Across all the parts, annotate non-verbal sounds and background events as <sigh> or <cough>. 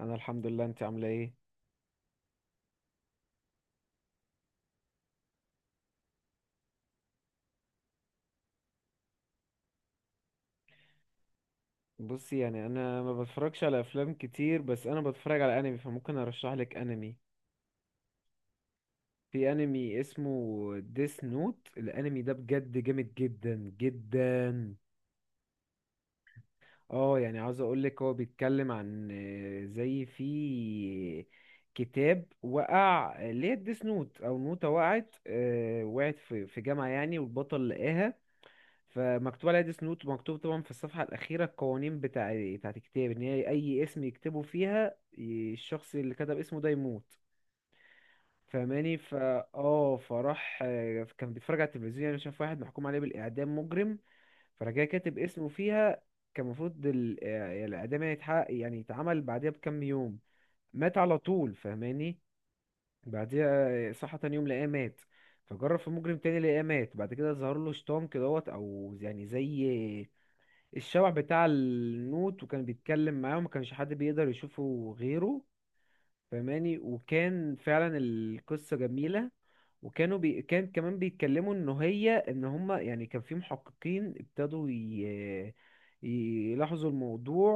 انا الحمد لله، انت عامله ايه؟ بصي، يعني انا ما بتفرجش على افلام كتير، بس انا بتفرج على انمي، فممكن ارشح لك انمي. في انمي اسمه ديس نوت. الانمي ده بجد جامد جدا جدا. اه، يعني عاوز اقول لك، هو بيتكلم عن زي في كتاب وقع، اللي هي الديس نوت او نوتة، وقعت وقعت في جامعة يعني، والبطل لقاها. فمكتوب عليها ديس نوت، ومكتوب طبعا في الصفحة الأخيرة القوانين بتاعت الكتاب، إن هي أي اسم يكتبوا فيها الشخص اللي كتب اسمه ده يموت. فاهماني؟ فا اه فراح كان بيتفرج على التلفزيون، يعني شاف واحد محكوم عليه بالإعدام، مجرم، فراح جاي كاتب اسمه فيها. كان المفروض الإعدام يعني يتحقق، يعني يتعمل بعدها بكام يوم. مات على طول. فاهماني؟ بعديها صحى تاني يوم لقاه مات. فجرب في مجرم تاني لقاه مات. بعد كده ظهر له شيطان كدهوت، او يعني زي الشبح بتاع النوت، وكان بيتكلم معاه وما كانش حد بيقدر يشوفه غيره. فماني، وكان فعلا القصة جميلة. وكانوا كان كمان بيتكلموا ان هي ان هما يعني، كان في محققين ابتدوا يلاحظوا الموضوع.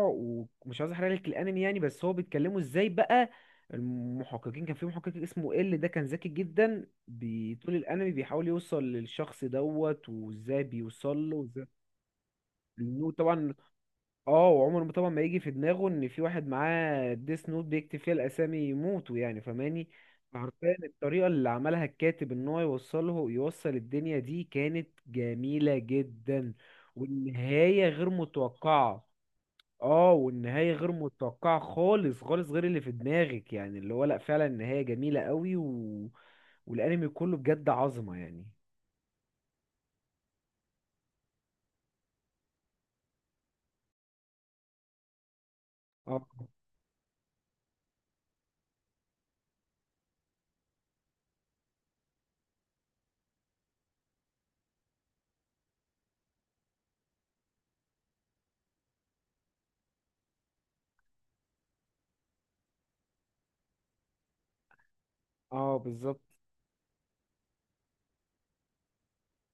ومش عايز احرق لك الانمي يعني، بس هو بيتكلموا ازاي بقى المحققين. كان في محقق اسمه ال، ده كان ذكي جدا، طول الانمي بيحاول يوصل للشخص دوت، وازاي بيوصل له، وازاي النوت طبعا. اه، وعمره ما طبعا ما يجي في دماغه ان في واحد معاه ديس نوت بيكتب فيها الاسامي يموتوا يعني. فماني، فحرفيا الطريقه اللي عملها الكاتب ان هو يوصله، يوصل الدنيا دي، كانت جميله جدا. والنهايه غير متوقعه. اه، والنهايه غير متوقعه خالص خالص، غير اللي في دماغك يعني، اللي هو لا، فعلا النهايه جميله قوي والانمي كله بجد عظمه يعني. اه، اه، بالظبط،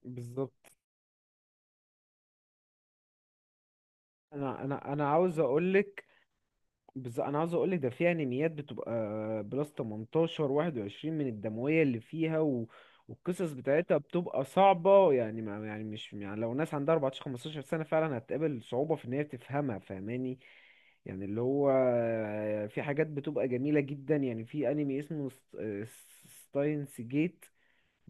بالظبط. انا عاوز اقولك، بس انا عاوز اقولك، ده فيها انميات بتبقى بلس 18 21 من الدمويه اللي فيها والقصص بتاعتها بتبقى صعبه يعني، ما يعني مش يعني لو ناس عندها 14 15 سنه فعلا هتقابل صعوبه في ان هي تفهمها. فاهماني؟ يعني اللي هو في حاجات بتبقى جميله جدا. يعني في انمي اسمه ستاينس جيت،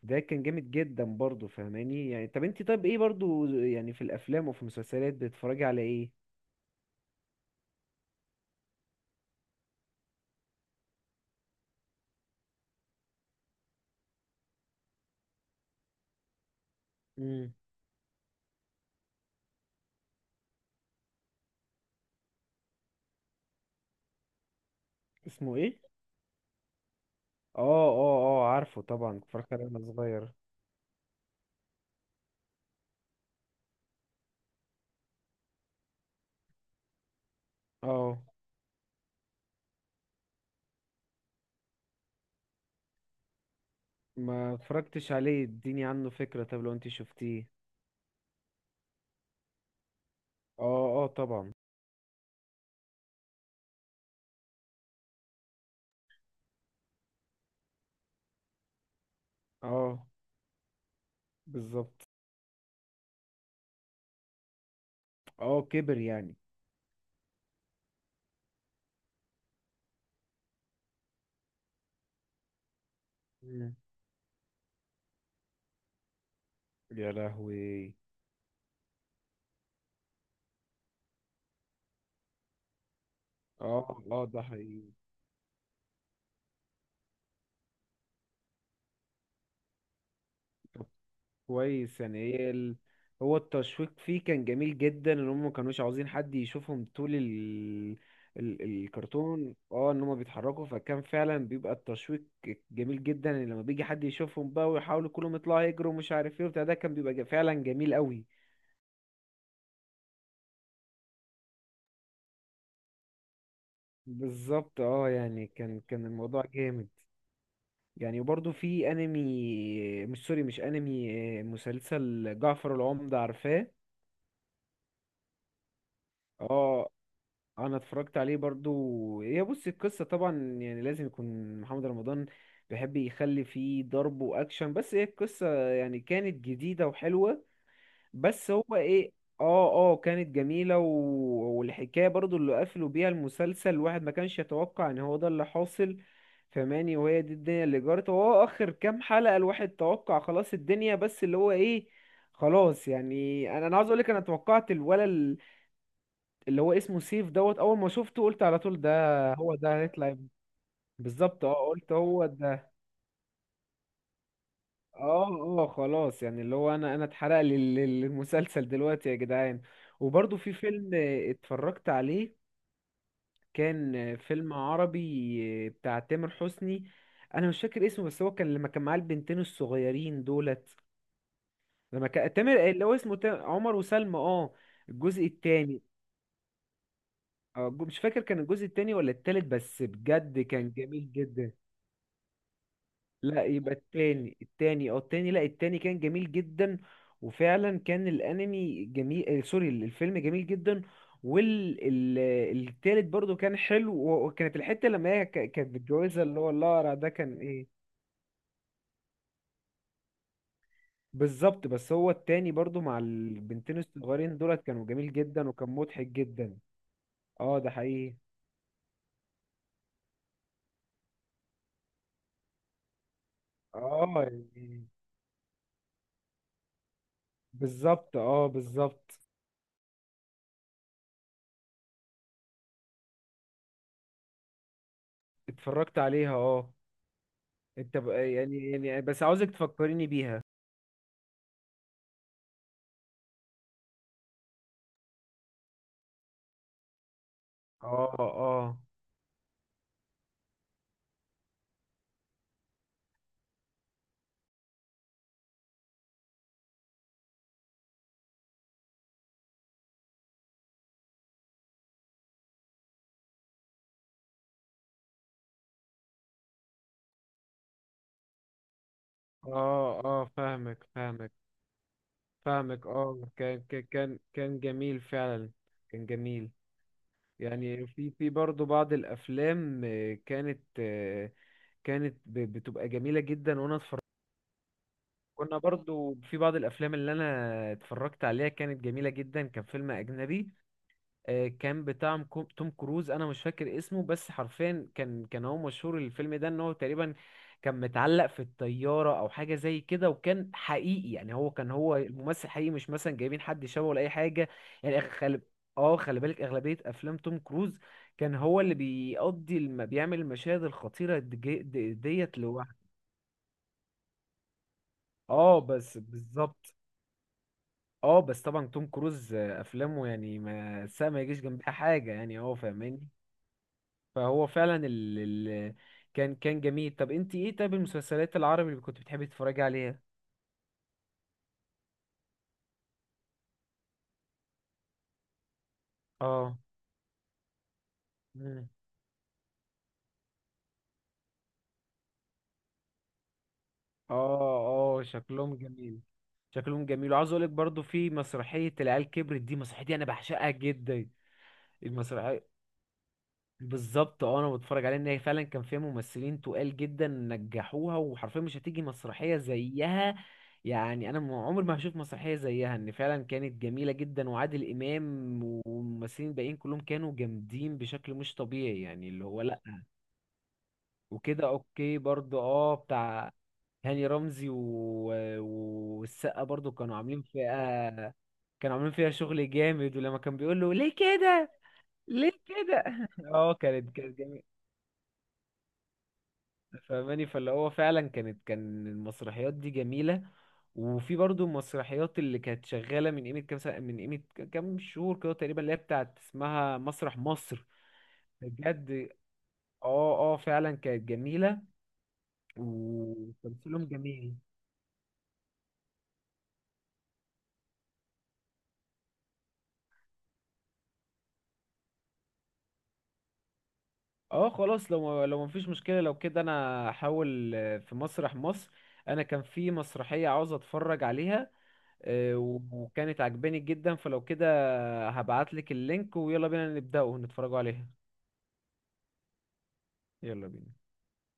ده كان جامد جدا برضه. فاهماني؟ يعني طب انت، طب ايه برضه يعني، في الافلام وفي المسلسلات بتتفرجي على ايه؟ امم اسمه ايه؟ اه، اه، اه، عارفه طبعا، اتفرجت عليه وانا صغير. اه، ما اتفرجتش عليه، اديني عنه فكرة، طب لو انت شفتيه. اه اه طبعا. اه بالظبط، اه كبر يعني. مم. يا لهوي. اه اه، ده حقيقي. كويس يعني، هو التشويق فيه كان جميل جدا، ان هم ما كانوش عاوزين حد يشوفهم طول الكرتون، اه ان هم بيتحركوا، فكان فعلا بيبقى التشويق جميل جدا. يعني لما بيجي حد يشوفهم بقى، ويحاولوا كلهم يطلعوا يجروا، ومش عارف ايه وبتاع، ده كان بيبقى فعلا جميل قوي. بالظبط. اه يعني كان الموضوع جامد يعني. وبرضه في انمي، مش، سوري، مش انمي، مسلسل جعفر العمدة عارفاه؟ اه، انا اتفرجت عليه برضو. هي بص القصه طبعا، يعني لازم يكون محمد رمضان بيحب يخلي فيه ضرب واكشن، بس هي القصه يعني كانت جديده وحلوه. بس هو ايه، اه اه، كانت جميله والحكايه برضو اللي قفلوا بيها المسلسل، الواحد ما كانش يتوقع ان هو ده اللي حاصل. فماني، وهي دي الدنيا اللي جرت، هو اخر كام حلقه الواحد توقع، خلاص الدنيا، بس اللي هو ايه، خلاص يعني. انا عاوز اقول لك، انا توقعت الولد اللي هو اسمه سيف دوت، اول ما شفته قلت على طول، ده هو ده هيطلع ابني. بالظبط، اه قلت هو ده. اه اه، خلاص يعني اللي هو، انا اتحرق لي المسلسل دلوقتي يا جدعان. وبرضه في فيلم اتفرجت عليه، كان فيلم عربي بتاع تامر حسني. انا مش فاكر اسمه، بس هو كان لما كان معاه البنتين الصغيرين دولت، لما كان تامر اللي هو اسمه عمر وسلمى اه، الجزء التاني. اه مش فاكر كان الجزء التاني ولا التالت، بس بجد كان جميل جدا. لا يبقى التاني، التاني او التاني، لا التاني كان جميل جدا. وفعلا كان الانمي جميل، سوري، الفيلم جميل جدا. والتالت برضو كان حلو، وكانت الحتة لما هي كانت متجوزة اللي هو لارا، ده كان ايه. بالظبط، بس هو التاني برضو مع البنتين الصغيرين دولت كانوا جميل جدا، وكان مضحك جدا. اه ده حقيقي، اه يعني، بالظبط، اه بالظبط. اتفرجت عليها اه. انت بقى يعني يعني، بس عاوزك تفكريني بيها. اه اه اه اه، فاهمك اه، كان جميل فعلا. كان جميل يعني. في في برضه بعض الافلام كانت كانت بتبقى جميله جدا، وانا اتفرجت. كنا برضه في بعض الافلام اللي انا اتفرجت عليها كانت جميله جدا. كان فيلم اجنبي كان بتاع توم كروز. انا مش فاكر اسمه، بس حرفيا كان هو مشهور الفيلم ده ان هو تقريبا كان متعلق في الطيارة او حاجة زي كده، وكان حقيقي، يعني هو كان هو الممثل حقيقي، مش مثلا جايبين حد شبهه ولا اي حاجة. يعني خلي، اه خلي بالك اغلبية افلام توم كروز، كان هو اللي بيقضي بيعمل المشاهد الخطيرة ديت لوحده. اه، بس بالظبط. اه بس طبعا توم كروز افلامه يعني، ما السقا ما يجيش جنبها حاجة يعني هو. فاهماني؟ فهو فعلا ال... كان جميل. طب انت ايه، طب المسلسلات العربي اللي كنت بتحبي تتفرجي عليها؟ اه، مم. اه اه، شكلهم جميل. شكلهم جميل، وعاوز اقولك برضو في مسرحية العيال كبرت، دي مسرحية، دي انا بعشقها جدا المسرحية. بالظبط، اه، انا بتفرج عليه، ان هي فعلا كان فيها ممثلين تقال جدا نجحوها، وحرفيا مش هتيجي مسرحيه زيها. يعني انا عمري ما هشوف مسرحيه زيها، ان فعلا كانت جميله جدا، وعادل امام والممثلين الباقيين كلهم كانوا جامدين بشكل مش طبيعي، يعني اللي هو لا. وكده اوكي برضو، اه بتاع هاني رمزي والسقا برضو كانوا عاملين فيها، كانوا عاملين فيها شغل جامد. ولما كان بيقول له ليه كده، ليه كده <laughs> اه، كانت جميلة. فاهماني؟ فاللي هو فعلا كانت المسرحيات دي جميلة. وفي برضو المسرحيات اللي كانت شغالة من قيمة كام سنة، من قيمة كام شهور كده تقريبا، اللي هي بتاعت اسمها مسرح مصر. بجد، اه اه فعلا كانت جميلة، وتمثيلهم جميل. اه خلاص، لو لو مفيش مشكلة، لو كده انا هحاول في مسرح مصر. انا كان في مسرحية عاوز اتفرج عليها وكانت عجباني جدا، فلو كده هبعتلك اللينك ويلا بينا نبدأ ونتفرجوا عليها. يلا بينا.